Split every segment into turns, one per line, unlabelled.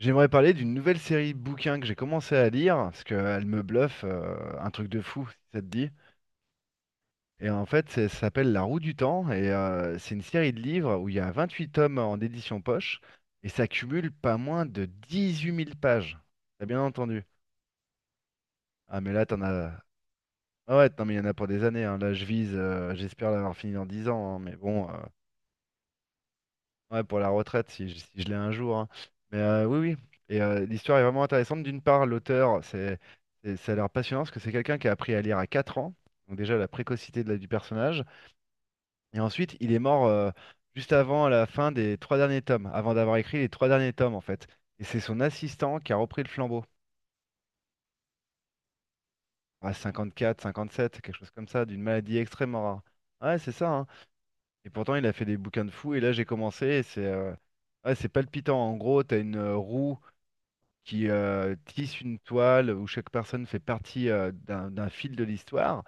J'aimerais parler d'une nouvelle série de bouquins que j'ai commencé à lire, parce qu'elle me bluffe, un truc de fou, si ça te dit. Et en fait, ça s'appelle La Roue du Temps, et c'est une série de livres où il y a 28 tomes en édition poche, et ça cumule pas moins de 18 000 pages. T'as bien entendu. Ah mais là, t'en as. Ah ouais, non mais il y en a pour des années, hein. Là, je vise, j'espère l'avoir fini dans 10 ans, hein, mais bon. Ouais, pour la retraite, si je l'ai un jour, hein. Mais oui, oui. Et l'histoire est vraiment intéressante. D'une part, l'auteur, ça a l'air passionnant parce que c'est quelqu'un qui a appris à lire à 4 ans. Donc déjà, la précocité de du personnage. Et ensuite, il est mort juste avant la fin des trois derniers tomes, avant d'avoir écrit les trois derniers tomes, en fait. Et c'est son assistant qui a repris le flambeau. À 54 57 quelque chose comme ça, d'une maladie extrêmement rare. Ouais, c'est ça, hein. Et pourtant, il a fait des bouquins de fou. Et là, j'ai commencé. Et c'est ouais, c'est palpitant. En gros, t'as une roue qui tisse une toile où chaque personne fait partie d'un fil de l'histoire.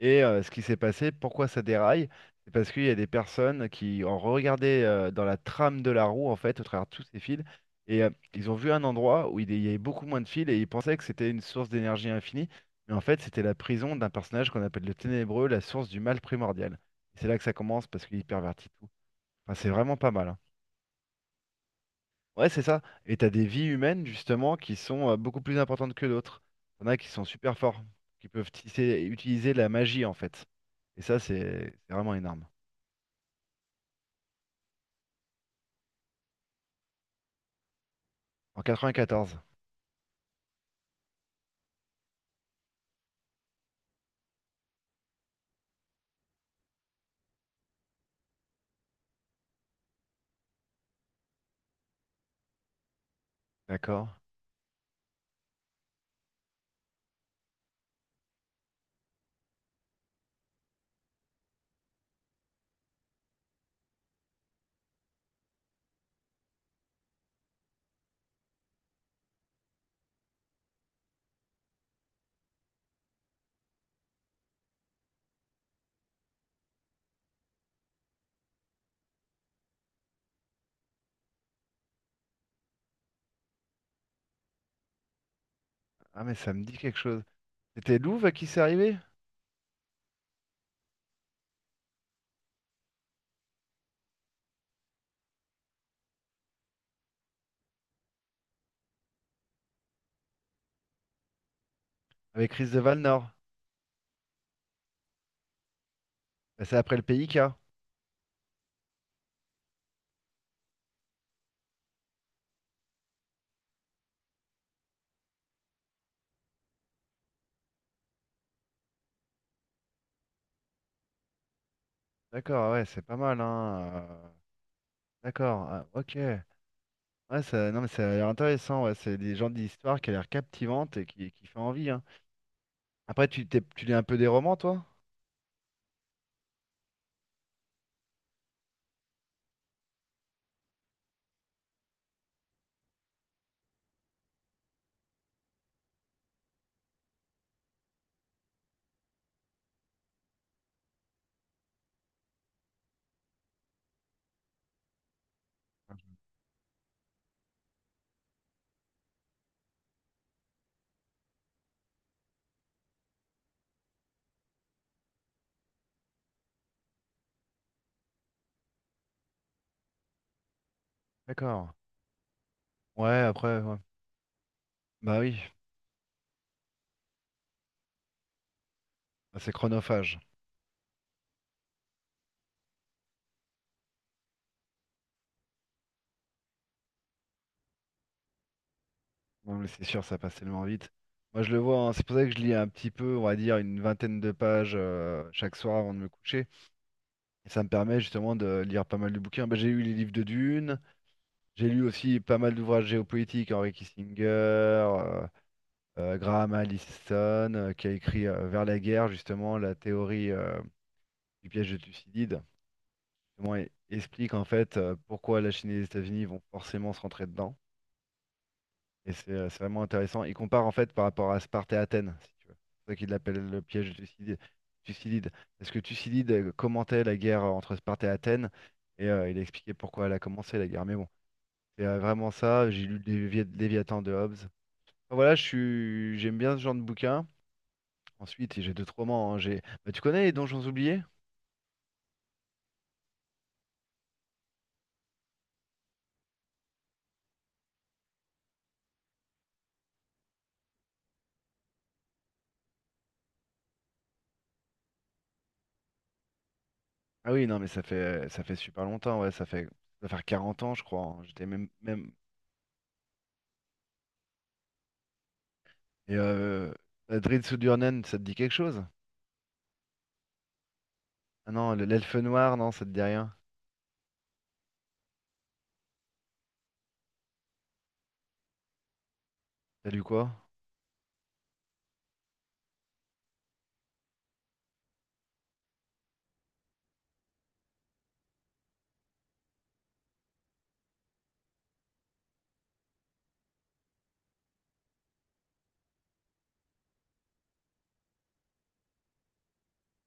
Et ce qui s'est passé, pourquoi ça déraille, c'est parce qu'il y a des personnes qui ont regardé dans la trame de la roue, en fait, au travers de tous ces fils. Et ils ont vu un endroit où il y avait beaucoup moins de fils et ils pensaient que c'était une source d'énergie infinie. Mais en fait, c'était la prison d'un personnage qu'on appelle le Ténébreux, la source du mal primordial. Et c'est là que ça commence parce qu'il pervertit tout. Enfin, c'est vraiment pas mal, hein. Ouais, c'est ça. Et t'as des vies humaines, justement, qui sont beaucoup plus importantes que d'autres. T'en as qui sont super forts, qui peuvent utiliser la magie, en fait. Et ça, c'est vraiment énorme. En 94, d'accord. Ah, mais ça me dit quelque chose. C'était Louvre à qui c'est arrivé? Avec Chris de Valnor. Bah, c'est après le PIK. D'accord, ah ouais, c'est pas mal, hein. D'accord, ah, ok. Ouais, ça, non, mais ça a l'air intéressant, ouais. C'est des gens d'histoire qui a l'air captivante et qui fait envie, hein. Après, tu lis un peu des romans, toi? D'accord. Ouais, après, ouais. Bah oui, bah, c'est chronophage. Non, mais c'est sûr, ça passe tellement vite. Moi, je le vois, hein, c'est pour ça que je lis un petit peu, on va dire, une vingtaine de pages chaque soir avant de me coucher. Et ça me permet justement de lire pas mal de bouquins. Bah, j'ai lu les livres de Dune, j'ai lu aussi pas mal d'ouvrages géopolitiques, Henry Kissinger, Graham Allison, qui a écrit Vers la guerre, justement, la théorie du piège de Thucydide. Justement, il explique en fait pourquoi la Chine et les États-Unis vont forcément se rentrer dedans. Et c'est vraiment intéressant. Il compare en fait par rapport à Sparte et Athènes, si tu veux. C'est ça qu'il l'appelle le piège de Thucydide. Thucydide. Parce que Thucydide commentait la guerre entre Sparte et Athènes et il a expliqué pourquoi elle a commencé la guerre. Mais bon, c'est vraiment ça. J'ai lu le Léviathan de Hobbes. Enfin, voilà, j'aime bien ce genre de bouquin. Ensuite, j'ai d'autres romans, hein. Bah, tu connais les Donjons oubliés? Ah oui, non, mais ça fait super longtemps. Ouais, ça va faire 40 ans, je crois, hein. J'étais même, même. Et Drid Sudurnen, ça te dit quelque chose? Ah non, l'elfe noir, non, ça te dit rien. T'as lu quoi?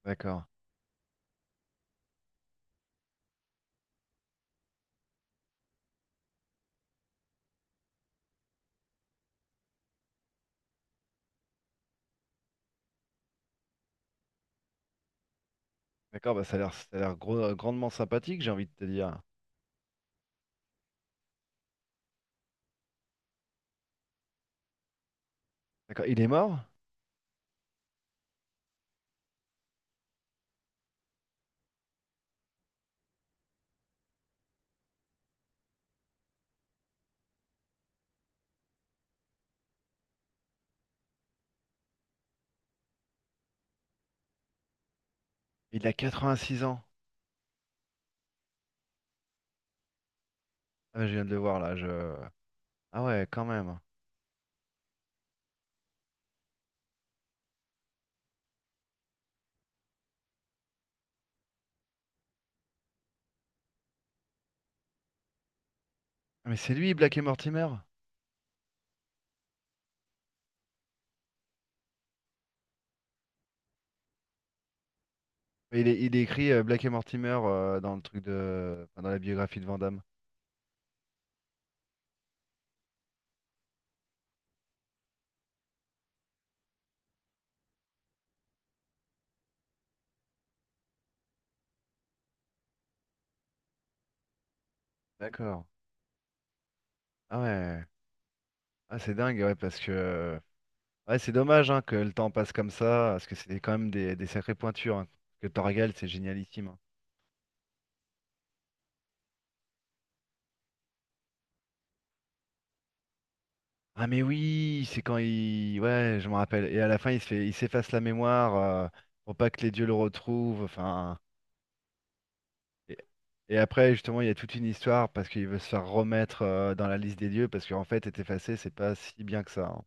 D'accord. D'accord, bah ça a l'air grandement sympathique, j'ai envie de te dire. D'accord, il est mort? Il a 86 ans. Ah, je viens de le voir là. Ah ouais, quand même. Ah, mais c'est lui, Black et Mortimer? Il est écrit Black et Mortimer dans le truc enfin, dans la biographie de Van Damme. D'accord. Ah ouais. Ah c'est dingue, ouais, Ouais, c'est dommage hein, que le temps passe comme ça, parce que c'est quand même des sacrées pointures, hein. Parce que Torgal, c'est génialissime, hein. Ah mais oui, c'est quand il. Ouais, je me rappelle. Et à la fin, il s'efface la mémoire pour pas que les dieux le retrouvent. Enfin. Et... et après, justement, il y a toute une histoire parce qu'il veut se faire remettre dans la liste des dieux parce qu'en fait, être effacé, c'est pas si bien que ça, hein.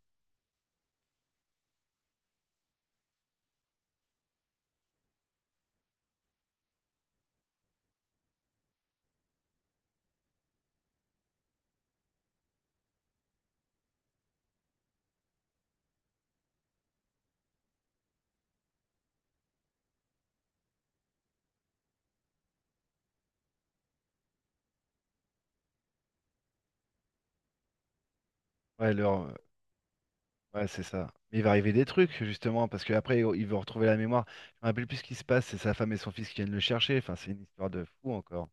Ouais, leur ouais, c'est ça. Mais il va arriver des trucs, justement, parce qu'après, il veut retrouver la mémoire. Je me rappelle plus ce qui se passe, c'est sa femme et son fils qui viennent le chercher. Enfin, c'est une histoire de fou encore.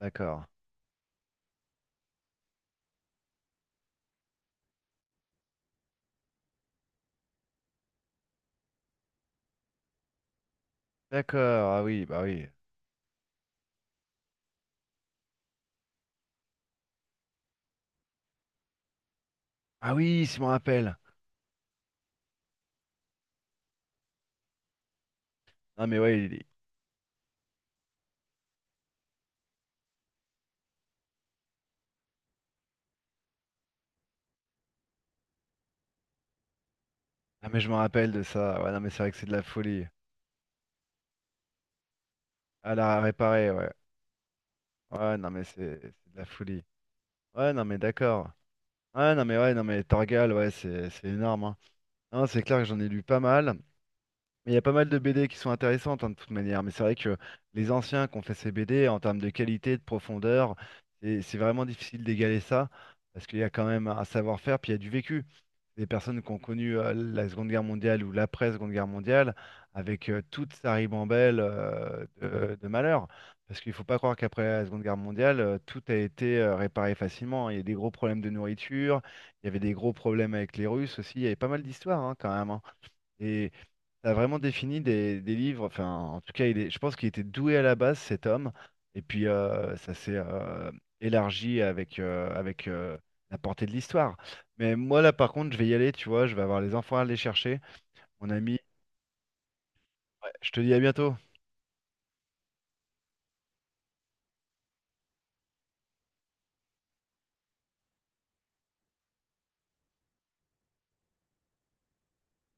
D'accord. D'accord, ah oui, bah oui. Ah oui, si je me rappelle. Non mais ouais, il. Ah mais je m'en rappelle de ça. Ouais, non mais c'est vrai que c'est de la folie. Ah la réparer, ouais. Ouais, non mais c'est de la folie. Ouais, non mais d'accord. Ouais, non mais Torgal, ouais, c'est énorme, hein. Non, c'est clair que j'en ai lu pas mal. Mais il y a pas mal de BD qui sont intéressantes hein, de toute manière. Mais c'est vrai que les anciens qui ont fait ces BD en termes de qualité, de profondeur, c'est vraiment difficile d'égaler ça. Parce qu'il y a quand même un savoir-faire, puis il y a du vécu. Des personnes qui ont connu la Seconde Guerre mondiale ou l'après-Seconde Guerre mondiale avec toute sa ribambelle de malheurs. Parce qu'il ne faut pas croire qu'après la Seconde Guerre mondiale, tout a été réparé facilement. Il y a eu des gros problèmes de nourriture, il y avait des gros problèmes avec les Russes aussi, il y avait pas mal d'histoires hein, quand même, hein. Et a vraiment défini des livres, enfin en tout cas il est, je pense qu'il était doué à la base cet homme, et puis ça s'est élargi avec la portée de l'histoire. Mais moi là par contre je vais y aller, tu vois, je vais avoir les enfants à aller chercher, mon ami. Ouais, je te dis à bientôt.